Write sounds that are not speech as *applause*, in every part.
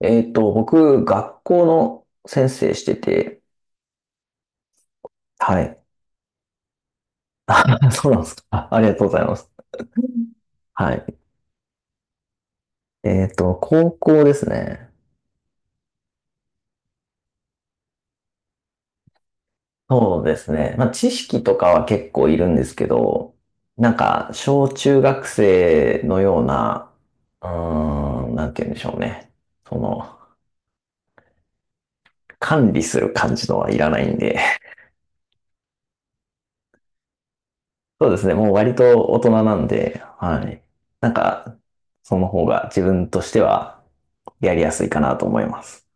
僕、学校の先生してて、はい。あ、そうなんですか。あ、ありがとうございます。はい。高校ですね。そうですね。まあ、知識とかは結構いるんですけど、なんか、小中学生のような、なんて言うんでしょうね。その、管理する感じのはいらないんで、そうですね。もう割と大人なんで、はい。なんか、その方が自分としてはやりやすいかなと思います。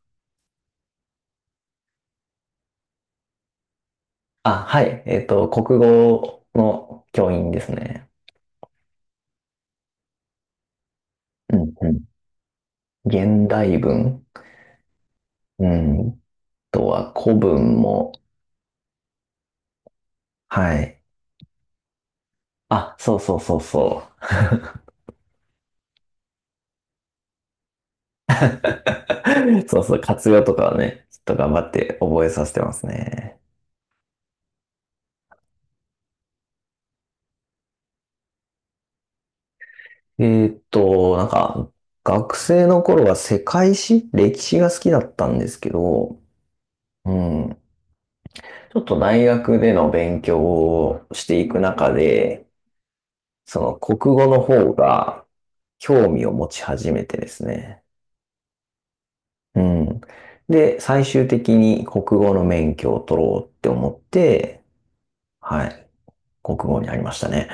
あ、はい。国語の教員ですね。うんうん。現代文。うん。あとは古文も。はい。あ、そうそうそうそう。*laughs* そうそう。活用とかはね、ちょっと頑張って覚えさせてますね。えなんか、学生の頃は世界史、歴史が好きだったんですけど、うん。ちょっと大学での勉強をしていく中で、その国語の方が興味を持ち始めてですね。うん。で、最終的に国語の免許を取ろうって思って、はい、国語になりましたね。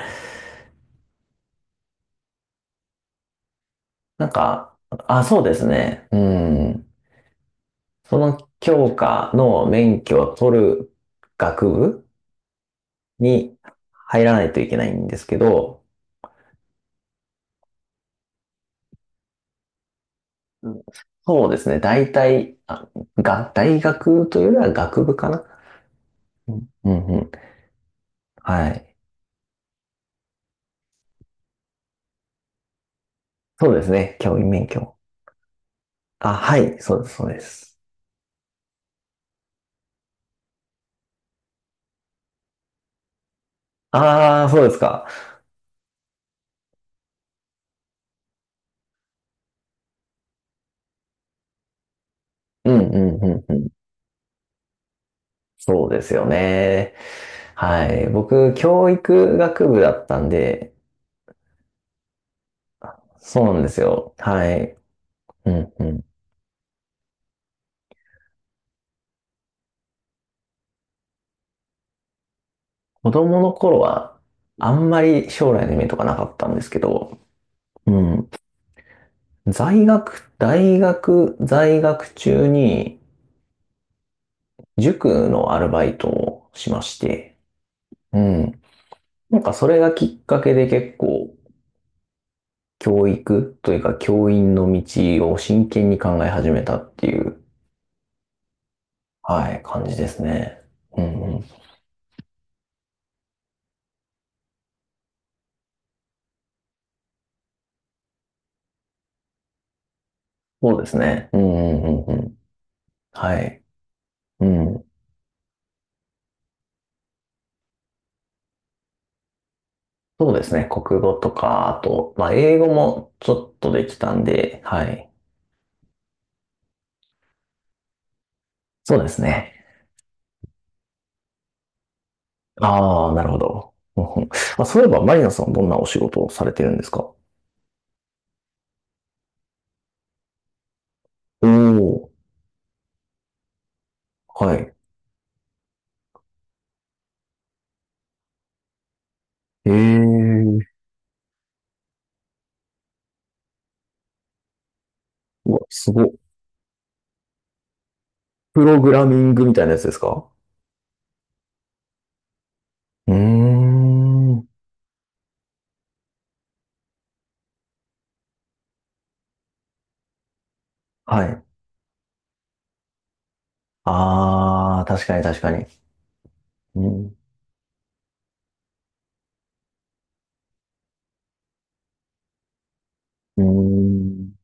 なんか、あ、そうですね。うん。その教科の免許を取る学部に入らないといけないんですけど、うん。そうですね。大体、大学というよりは学部かな。うん、うん、うん。はい。そうですね。教員免許。あ、はい。そうです、そうです。ああ、そうですか。うん、うん、うん、うん。そうですよね。はい。僕、教育学部だったんで、そうなんですよ。はい。うん、うん。子供の頃は、あんまり将来の夢とかなかったんですけど、うん。大学在学中に、塾のアルバイトをしまして、うん。なんかそれがきっかけで結構教育というか教員の道を真剣に考え始めたっていう、はい、感じですね。うんうん。そうですね。うんうんうんうん。はい。うん。そうですね。国語とか、あと、まあ、英語もちょっとできたんで、はい。そうですね。ああ、なるほど。うんうん。あ、そういえば、マリナさん、どんなお仕事をされてるんですか？お。おー、はい。ええ。うわ、すごっ。プログラミングみたいなやつですか？うーん。はい。ああ、確かに確かに。うん。うーん。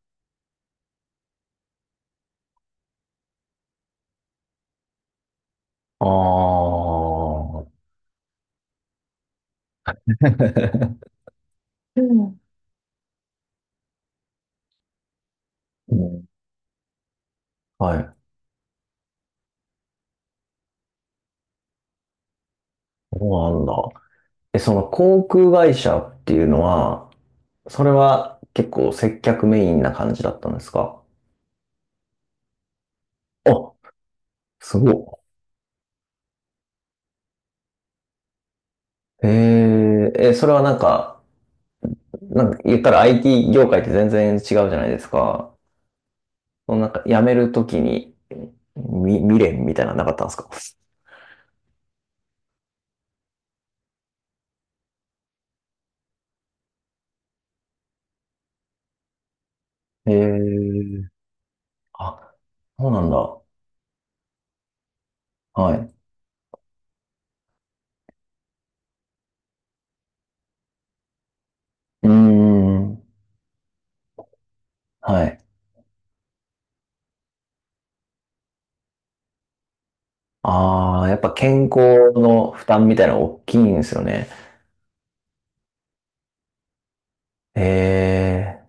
ああ。うんうん。はい。そうなんだ。え、その航空会社っていうのは、それは結構接客メインな感じだったんですか？あ、すごい。ええ、え、それはなんか、なんか言ったら IT 業界って全然違うじゃないですか。そのなんか辞めるときに、未練みたいなのなかったんですか？へえ。あ、そうなんだ。はい。うーん。はい。ああ、やっぱ健康の負担みたいなの大きいんですよね。へえ。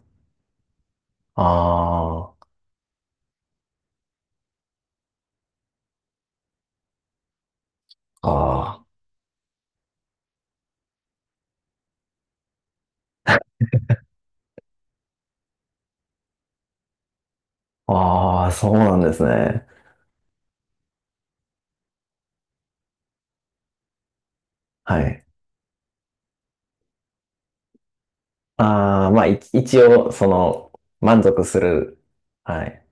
ああ、ああ、ああ、そうなんですね。はい。ああ、まあ、一応、その、満足する。はい。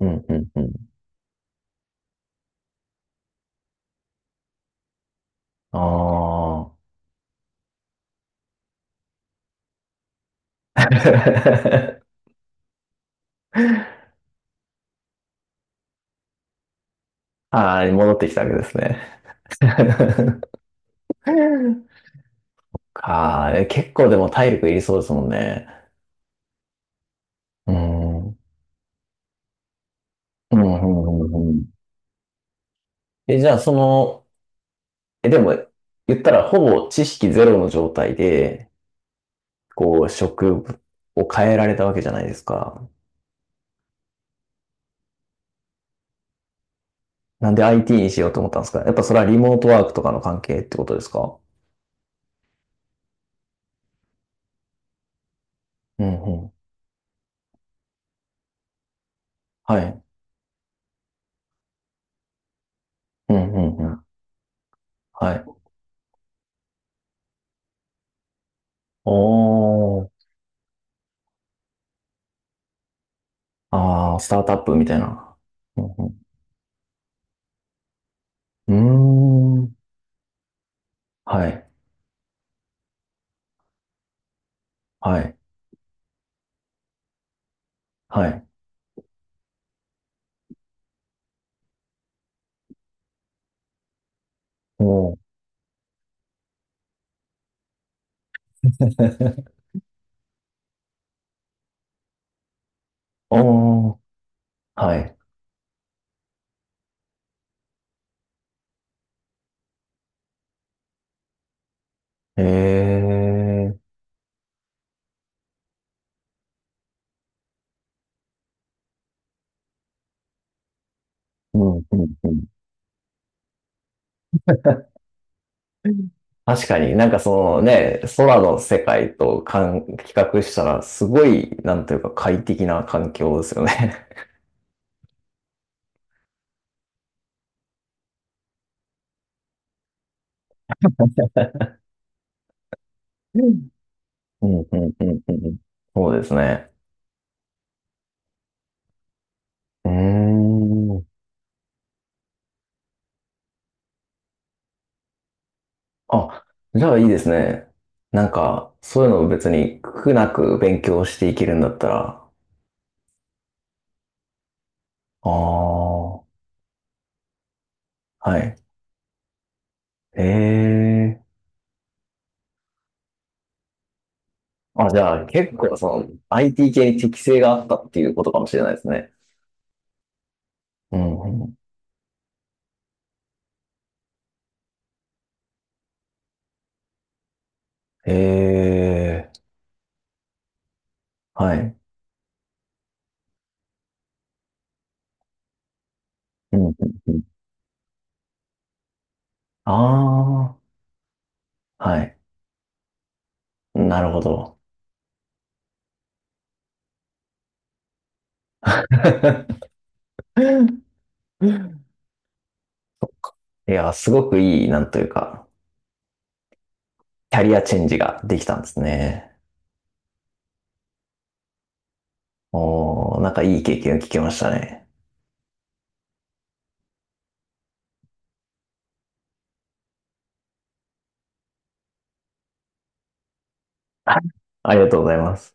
うん、うん、うん。ああ。*laughs* ああ、戻ってきたわけですね。かあ、え、結構でも体力いりそうですもんね。うん。うん、うん、うん。うん。え、じゃあ、その、え、でも、言ったら、ほぼ知識ゼロの状態で、こう、職を変えられたわけじゃないですか。なんで IT にしようと思ったんですか？やっぱそれはリモートワークとかの関係ってことですか？うんうん。はい。うんうんうん。はい。おー。ああ、スタートアップみたいな。うんうん。うーん。はい。はい。はい。おー *laughs* お。あ、はい。ええ、うん、うん、うん。確かに、なんかそのね、空の世界とかん比較したら、すごい、なんというか快適な環境ですよね。うん。うん、うん、うん、うん。そうですね。うーん。あ、じゃあいいですね。なんか、そういうのを別に苦なく勉強していけるんだったら、ああ、はい。ええ。あ、じゃあ結構その IT 系に適性があったっていうことかもしれないですね。うんうん。へえ、はい。うんうんうん。ああ、はい。なるほど。*laughs* いや、すごくいい、なんというか、キャリアチェンジができたんですね。おー、なんかいい経験を聞けましたね。*laughs* ありがとうございます。